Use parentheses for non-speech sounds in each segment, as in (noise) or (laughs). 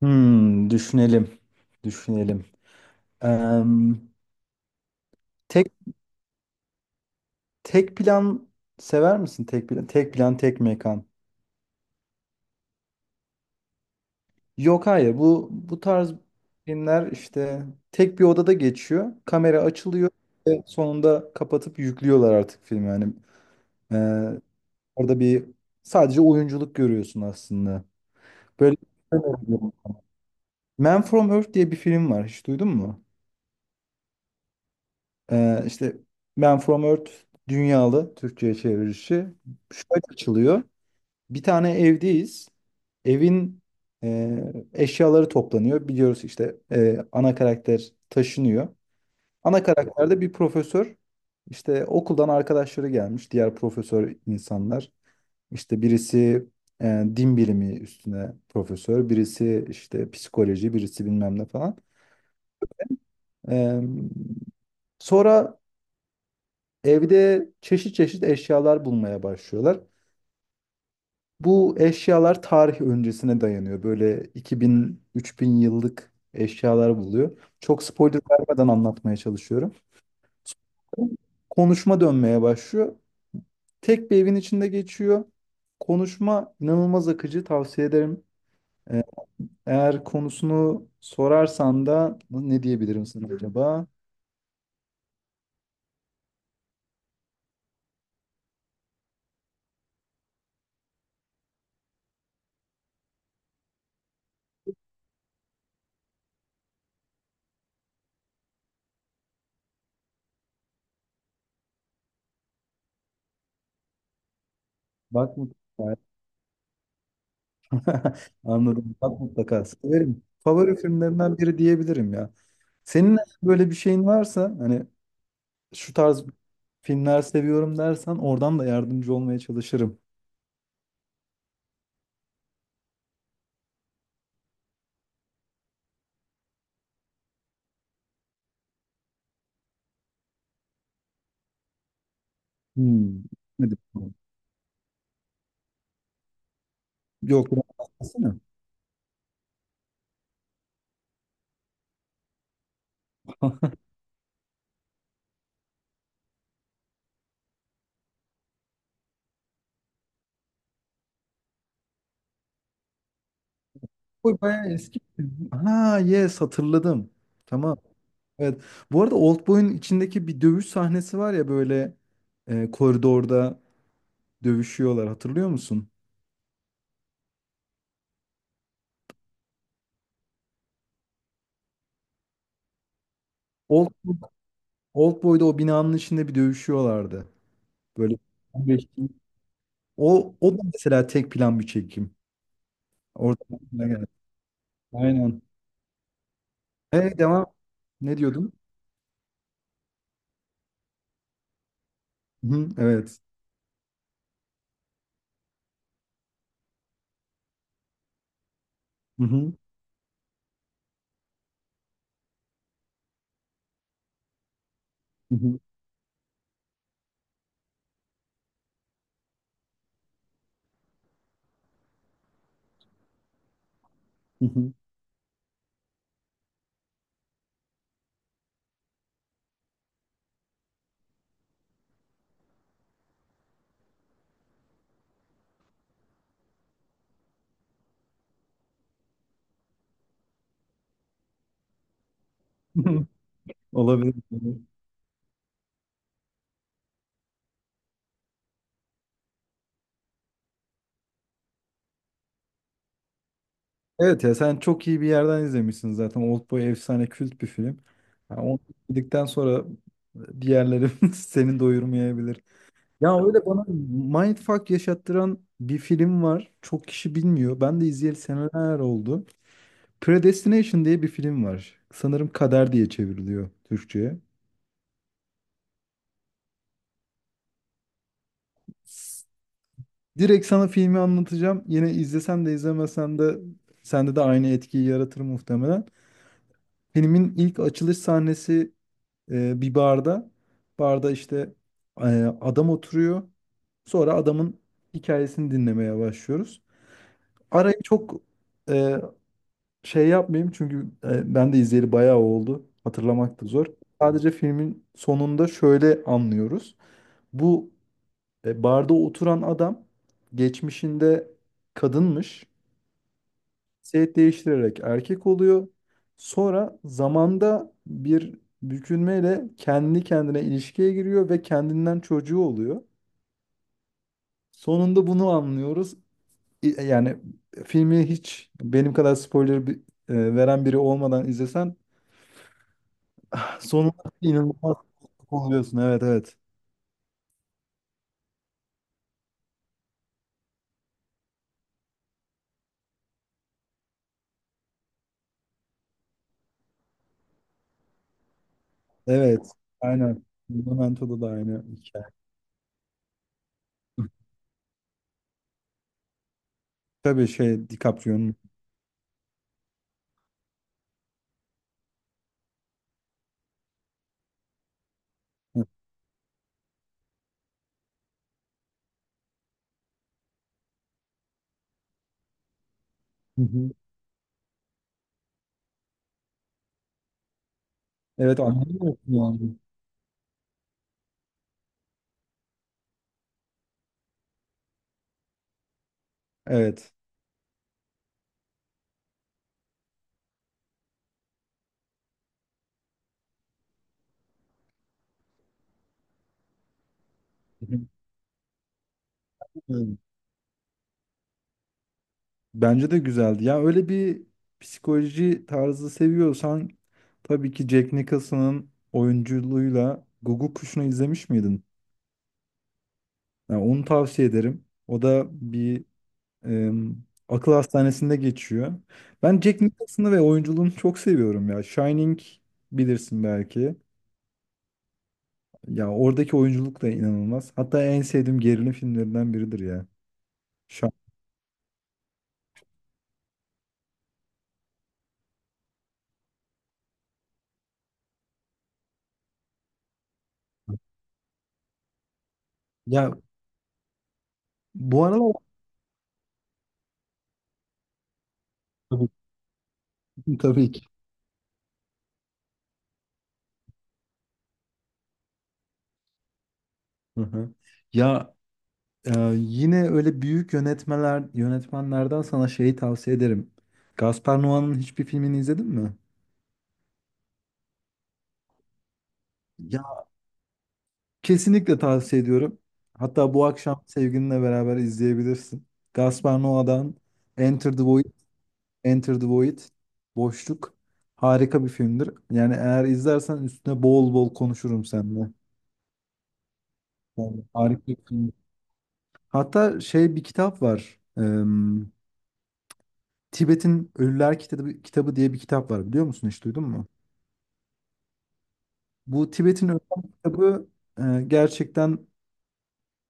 Düşünelim. Düşünelim. Em, tek tek plan sever misin? Tek plan, tek plan, tek mekan. Yok, hayır. Bu tarz filmler işte tek bir odada geçiyor. Kamera açılıyor ve sonunda kapatıp yüklüyorlar artık filmi. Yani e, orada sadece oyunculuk görüyorsun aslında. Böyle Man From Earth diye bir film var. Hiç duydun mu? İşte Man From Earth, dünyalı, Türkçe'ye çevirişi şöyle açılıyor. Bir tane evdeyiz. Evin e, eşyaları toplanıyor. Biliyoruz işte ana karakter taşınıyor. Ana karakterde bir profesör. İşte okuldan arkadaşları gelmiş. Diğer profesör insanlar. İşte birisi din bilimi üstüne profesör. Birisi işte psikoloji. Birisi bilmem ne falan. E, sonra evde çeşit çeşit eşyalar bulmaya başlıyorlar. Bu eşyalar tarih öncesine dayanıyor. Böyle 2000-3000 yıllık eşyalar buluyor. Çok spoiler vermeden anlatmaya çalışıyorum. Konuşma dönmeye başlıyor. Tek bir evin içinde geçiyor. Konuşma inanılmaz akıcı, tavsiye ederim. Ee, Eğer konusunu sorarsan da ne diyebilirim sana acaba? Bak mı? (laughs) Anladım. Bak mutlaka. Severim. Favori filmlerinden biri diyebilirim ya. Senin böyle bir şeyin varsa, hani şu tarz filmler seviyorum dersen, oradan da yardımcı olmaya çalışırım. Hmm. Nedir bu? Yok, biraz bahsetsene. (laughs) Oldboy bayağı eski bir film. Ha, yes, hatırladım. Tamam. Evet. Bu arada Oldboy'un içindeki bir dövüş sahnesi var ya, böyle koridorda dövüşüyorlar, hatırlıyor musun? Old, Oldboy'da o binanın içinde bir dövüşüyorlardı. Böyle 15 gün. O, o da mesela tek plan bir çekim. Orada aklına geldi. Aynen. Evet, devam. Ne diyordum? Hı, evet. Hı hı, hı hı, hı hı. (laughs) Olabilir. Evet ya, sen çok iyi bir yerden izlemişsin zaten. Oldboy efsane, kült bir film. Yani onu izledikten sonra diğerleri (laughs) seni doyurmayabilir. Ya, öyle bana mindfuck yaşattıran bir film var. Çok kişi bilmiyor. Ben de izleyeli seneler oldu. Predestination diye bir film var. Sanırım Kader diye çevriliyor Türkçe'ye. Direkt sana filmi anlatacağım. Yine izlesen de izlemesen de sende de aynı etkiyi yaratır muhtemelen. Filmin ilk açılış sahnesi bir barda. Barda işte e, adam oturuyor. Sonra adamın hikayesini dinlemeye başlıyoruz. Arayı çok e, şey yapmayayım, çünkü ben de izleyeli bayağı oldu. Hatırlamak da zor. Sadece filmin sonunda şöyle anlıyoruz. Bu barda oturan adam geçmişinde kadınmış. Cinsiyet değiştirerek erkek oluyor. Sonra zamanda bir bükülmeyle kendi kendine ilişkiye giriyor ve kendinden çocuğu oluyor. Sonunda bunu anlıyoruz. Yani filmi hiç benim kadar spoiler veren biri olmadan izlesen, sonunda inanılmaz oluyorsun. Evet, evet. Evet. Aynen. Momento'da da aynı hikaye. Tabii, şey, DiCaprio'nun. Hı hı. Evet, anladım yani. Evet. Evet. (laughs) Bence de güzeldi. Ya, öyle bir psikoloji tarzı seviyorsan, tabii ki Jack Nicholson'ın oyunculuğuyla Guguk Kuşu'nu izlemiş miydin? Yani onu tavsiye ederim. O da bir akıl hastanesinde geçiyor. Ben Jack Nicholson'ı ve oyunculuğunu çok seviyorum ya. Shining bilirsin belki. Ya oradaki oyunculuk da inanılmaz. Hatta en sevdiğim gerilim filmlerinden biridir ya. Şu an- Ya, bu aralar (laughs) tabii ki. Hı hı. Ya, yine öyle büyük yönetmenlerden sana şeyi tavsiye ederim. Gaspar Noé'nin hiçbir filmini izledin mi? Ya, kesinlikle tavsiye ediyorum. Hatta bu akşam sevgilinle beraber izleyebilirsin. Gaspar Noé'dan Enter the Void, Enter the Void, Boşluk, harika bir filmdir. Yani eğer izlersen üstüne bol bol konuşurum seninle. Yani harika bir film. Hatta şey, bir kitap var. Tibet'in Ölüler Kitabı, kitabı diye bir kitap var, biliyor musun, hiç duydun mu? Bu Tibet'in Ölüler Kitabı gerçekten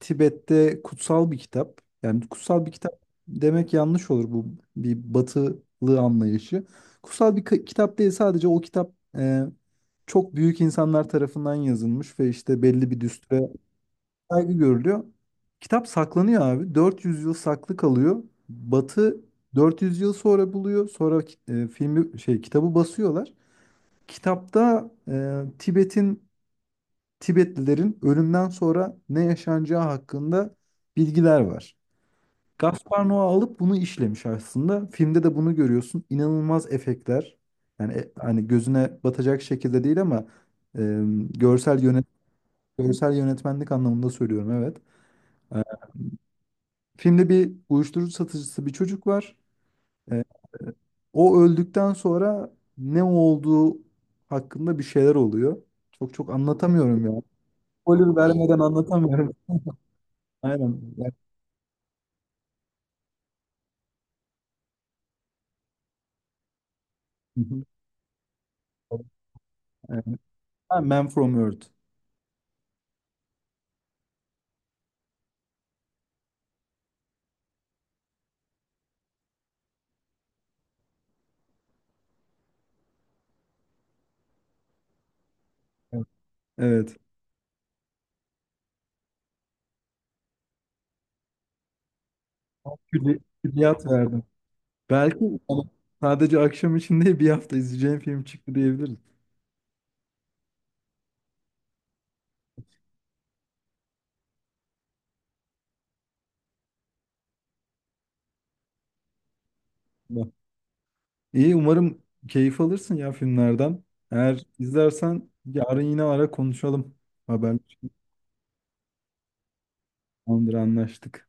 Tibet'te kutsal bir kitap. Yani kutsal bir kitap demek yanlış olur, bu bir batılı anlayışı. Kutsal bir kitap değil, sadece o kitap e, çok büyük insanlar tarafından yazılmış ve işte belli bir düsture saygı görülüyor. Kitap saklanıyor abi. 400 yıl saklı kalıyor. Batı 400 yıl sonra buluyor. Sonra filmi, şey, kitabı basıyorlar. Kitapta Tibet'in, Tibetlilerin ölümden sonra ne yaşanacağı hakkında bilgiler var. Gaspar Noé alıp bunu işlemiş aslında. Filmde de bunu görüyorsun. İnanılmaz efektler. Yani hani gözüne batacak şekilde değil ama e, görsel yönet görsel yönetmenlik anlamında söylüyorum, evet. E, filmde bir uyuşturucu satıcısı bir çocuk var. E, o öldükten sonra ne olduğu hakkında bir şeyler oluyor. Çok çok anlatamıyorum ya. Spoiler vermeden anlatamıyorum. Aynen. (laughs) Evet. Ha, Man from Earth. Evet. Evet. Külli- Külliyat verdim. Belki ama sadece akşam için değil, bir hafta izleyeceğim film çıktı diyebiliriz. Evet. İyi, umarım keyif alırsın ya filmlerden. Eğer izlersen yarın yine ara, konuşalım. Haber, tamamdır, anlaştık.